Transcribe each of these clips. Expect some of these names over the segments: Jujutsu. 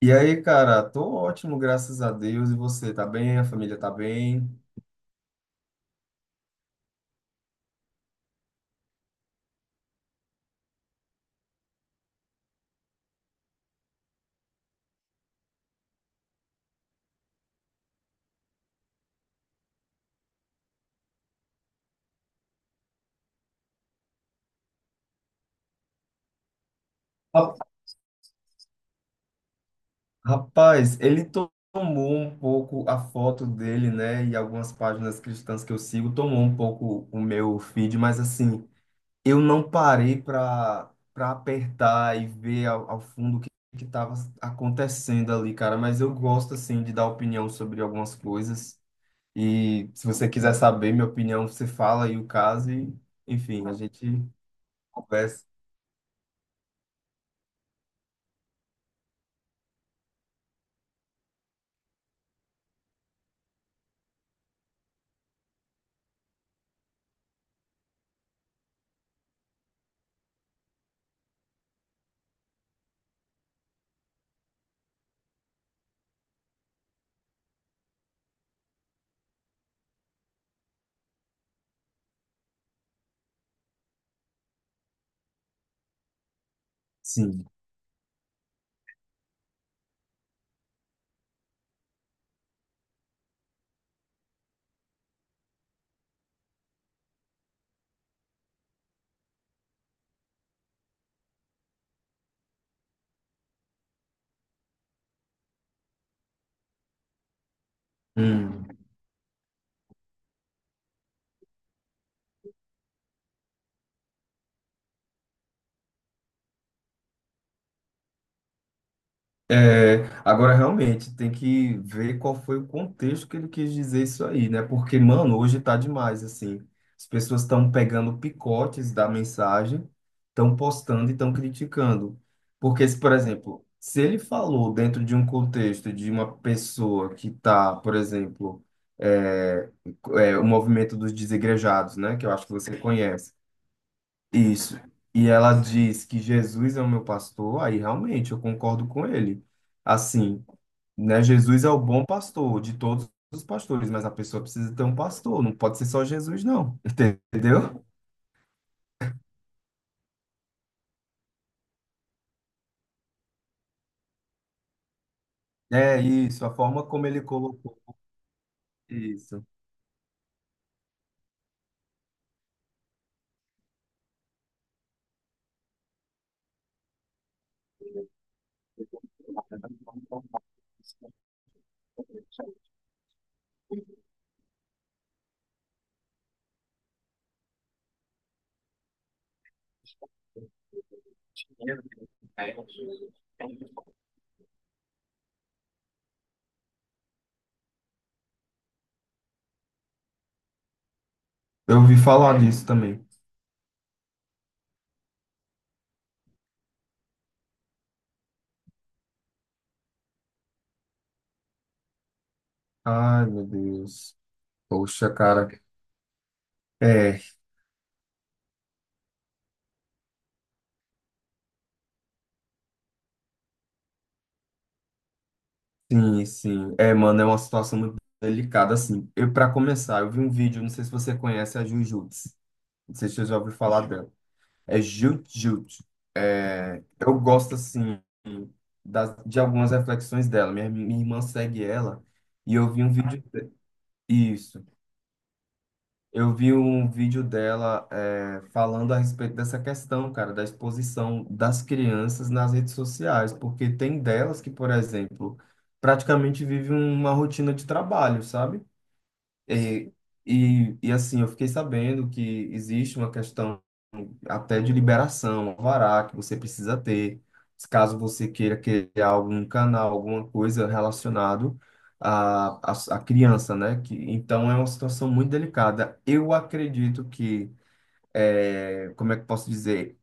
E aí, cara, tô ótimo, graças a Deus. E você, tá bem? A família tá bem? Ra- Rapaz, ele tomou um pouco a foto dele, né? E algumas páginas cristãs que eu sigo tomou um pouco o meu feed, mas assim, eu não parei pra apertar e ver ao fundo o que tava acontecendo ali, cara. Mas eu gosto, assim, de dar opinião sobre algumas coisas. E se você quiser saber minha opinião, você fala aí o caso e, enfim, a gente conversa. Sim. Hum. É, agora, realmente, tem que ver qual foi o contexto que ele quis dizer isso aí, né? Porque, mano, hoje tá demais, assim. As pessoas estão pegando picotes da mensagem, estão postando e estão criticando. Porque, se, por exemplo, se ele falou dentro de um contexto de uma pessoa que tá, por exemplo, é, o movimento dos desigrejados, né? Que eu acho que você conhece. Isso. E ela diz que Jesus é o meu pastor, aí realmente eu concordo com ele. Assim, né, Jesus é o bom pastor de todos os pastores, mas a pessoa precisa ter um pastor, não pode ser só Jesus, não. Entendeu? É isso, a forma como ele colocou isso. Eu ouvi falar disso também. Ai, meu Deus. Poxa, cara. É, sim, sim. É, mano, é uma situação muito delicada, assim. Eu, para começar, eu vi um vídeo, não sei se você conhece a Jujutsu. Não sei se você já ouviu falar dela. É Jut-Jut. É, eu gosto, assim, de algumas reflexões dela. Minha irmã segue ela e eu vi um vídeo... Isso. Eu vi um vídeo dela falando a respeito dessa questão, cara, da exposição das crianças nas redes sociais, porque tem delas que, por exemplo, praticamente vivem uma rotina de trabalho, sabe? E, assim, eu fiquei sabendo que existe uma questão até de liberação, um alvará que você precisa ter, caso você queira criar algum canal, alguma coisa relacionado à criança, né? Que, então é uma situação muito delicada. Eu acredito que, como é que eu posso dizer?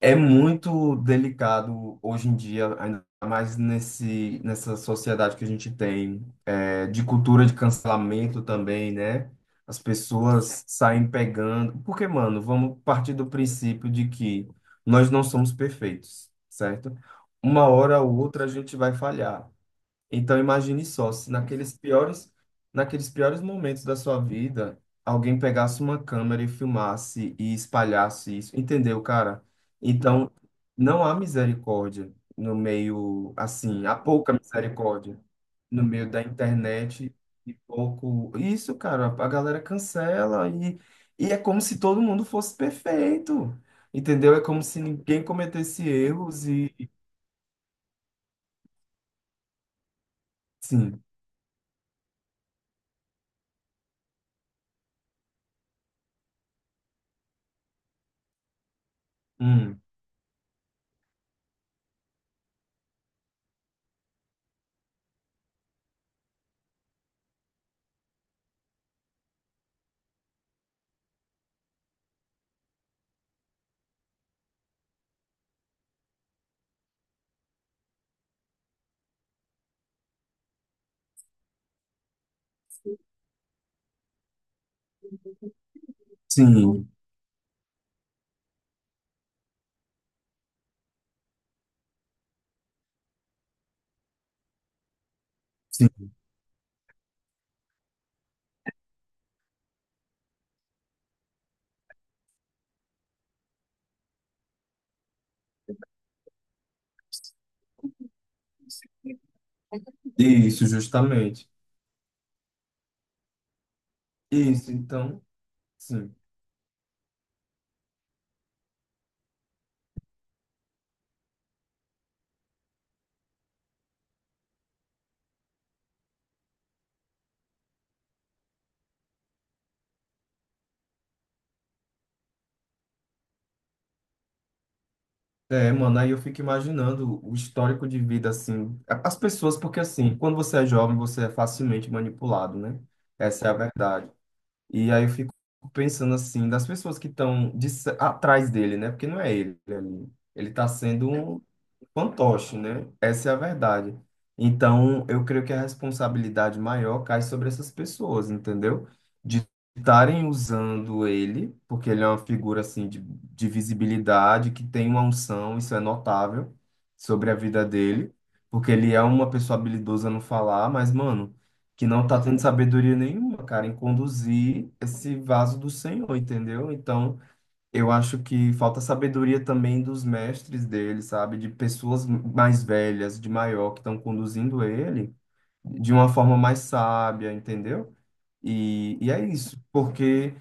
É muito delicado hoje em dia, ainda mais nessa sociedade que a gente tem, é, de cultura de cancelamento também, né? As pessoas saem pegando. Porque, mano, vamos partir do princípio de que nós não somos perfeitos, certo? Uma hora ou outra a gente vai falhar. Então imagine só, se naqueles piores momentos da sua vida, alguém pegasse uma câmera e filmasse e espalhasse isso, entendeu, cara? Então não há misericórdia no meio, assim, há pouca misericórdia no meio da internet e pouco. Isso, cara, a galera cancela e é como se todo mundo fosse perfeito, entendeu? É como se ninguém cometesse erros e sim, hum, sim. Sim. Isso, justamente. Isso, então, sim. É, mano, aí eu fico imaginando o histórico de vida, assim, as pessoas, porque assim, quando você é jovem, você é facilmente manipulado, né? Essa é a verdade. E aí eu fico pensando, assim, das pessoas que estão atrás dele, né? Porque não é ele ali. Ele tá sendo um fantoche, né? Essa é a verdade. Então, eu creio que a responsabilidade maior cai sobre essas pessoas, entendeu? De estarem usando ele, porque ele é uma figura assim de visibilidade, que tem uma unção, isso é notável sobre a vida dele, porque ele é uma pessoa habilidosa no falar, mas, mano, que não tá tendo sabedoria nenhuma, cara, em conduzir esse vaso do Senhor, entendeu? Então, eu acho que falta sabedoria também dos mestres dele, sabe? De pessoas mais velhas, de maior, que estão conduzindo ele de uma forma mais sábia, entendeu? E é isso, porque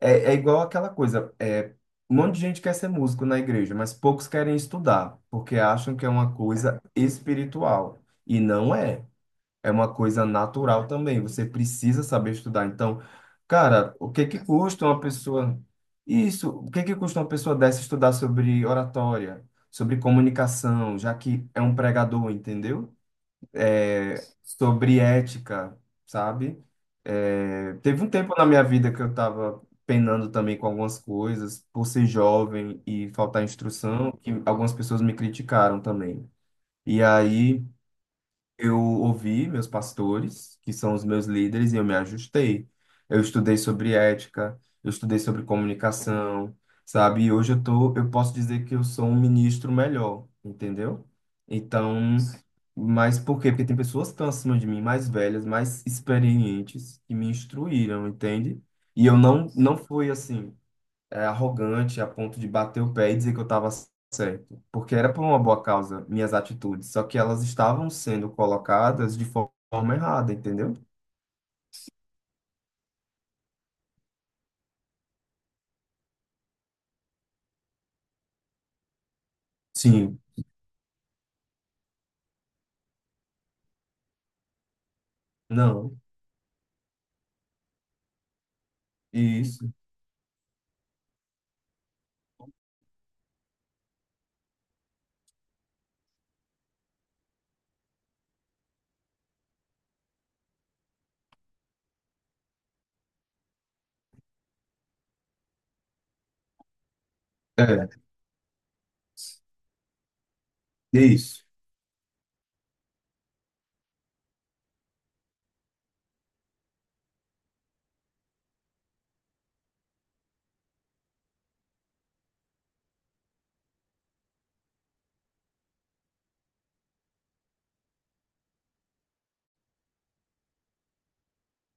é, é igual aquela coisa, é, um monte de gente quer ser músico na igreja, mas poucos querem estudar, porque acham que é uma coisa espiritual, e não é, é uma coisa natural também. Você precisa saber estudar. Então, cara, o que que custa uma pessoa isso? O que que custa uma pessoa dessa estudar sobre oratória, sobre comunicação, já que é um pregador, entendeu? É. Sobre ética, sabe? É, teve um tempo na minha vida que eu estava penando também com algumas coisas, por ser jovem e faltar instrução, que algumas pessoas me criticaram também. E aí eu ouvi meus pastores, que são os meus líderes, e eu me ajustei. Eu estudei sobre ética, eu estudei sobre comunicação, sabe? E hoje eu tô, eu posso dizer que eu sou um ministro melhor, entendeu? Então, mas por quê? Porque tem pessoas que estão acima de mim, mais velhas, mais experientes, que me instruíram, entende? E eu não, não fui assim arrogante a ponto de bater o pé e dizer que eu estava certo, porque era por uma boa causa minhas atitudes, só que elas estavam sendo colocadas de forma errada, entendeu? Sim, não, isso, é, isso,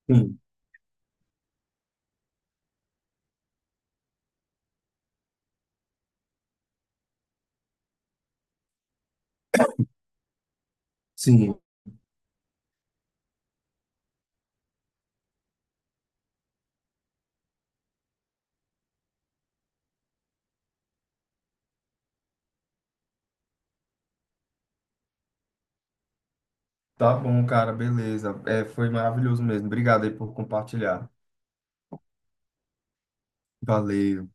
sim, sim. Tá bom, cara, beleza. É, foi maravilhoso mesmo. Obrigado aí por compartilhar. Valeu.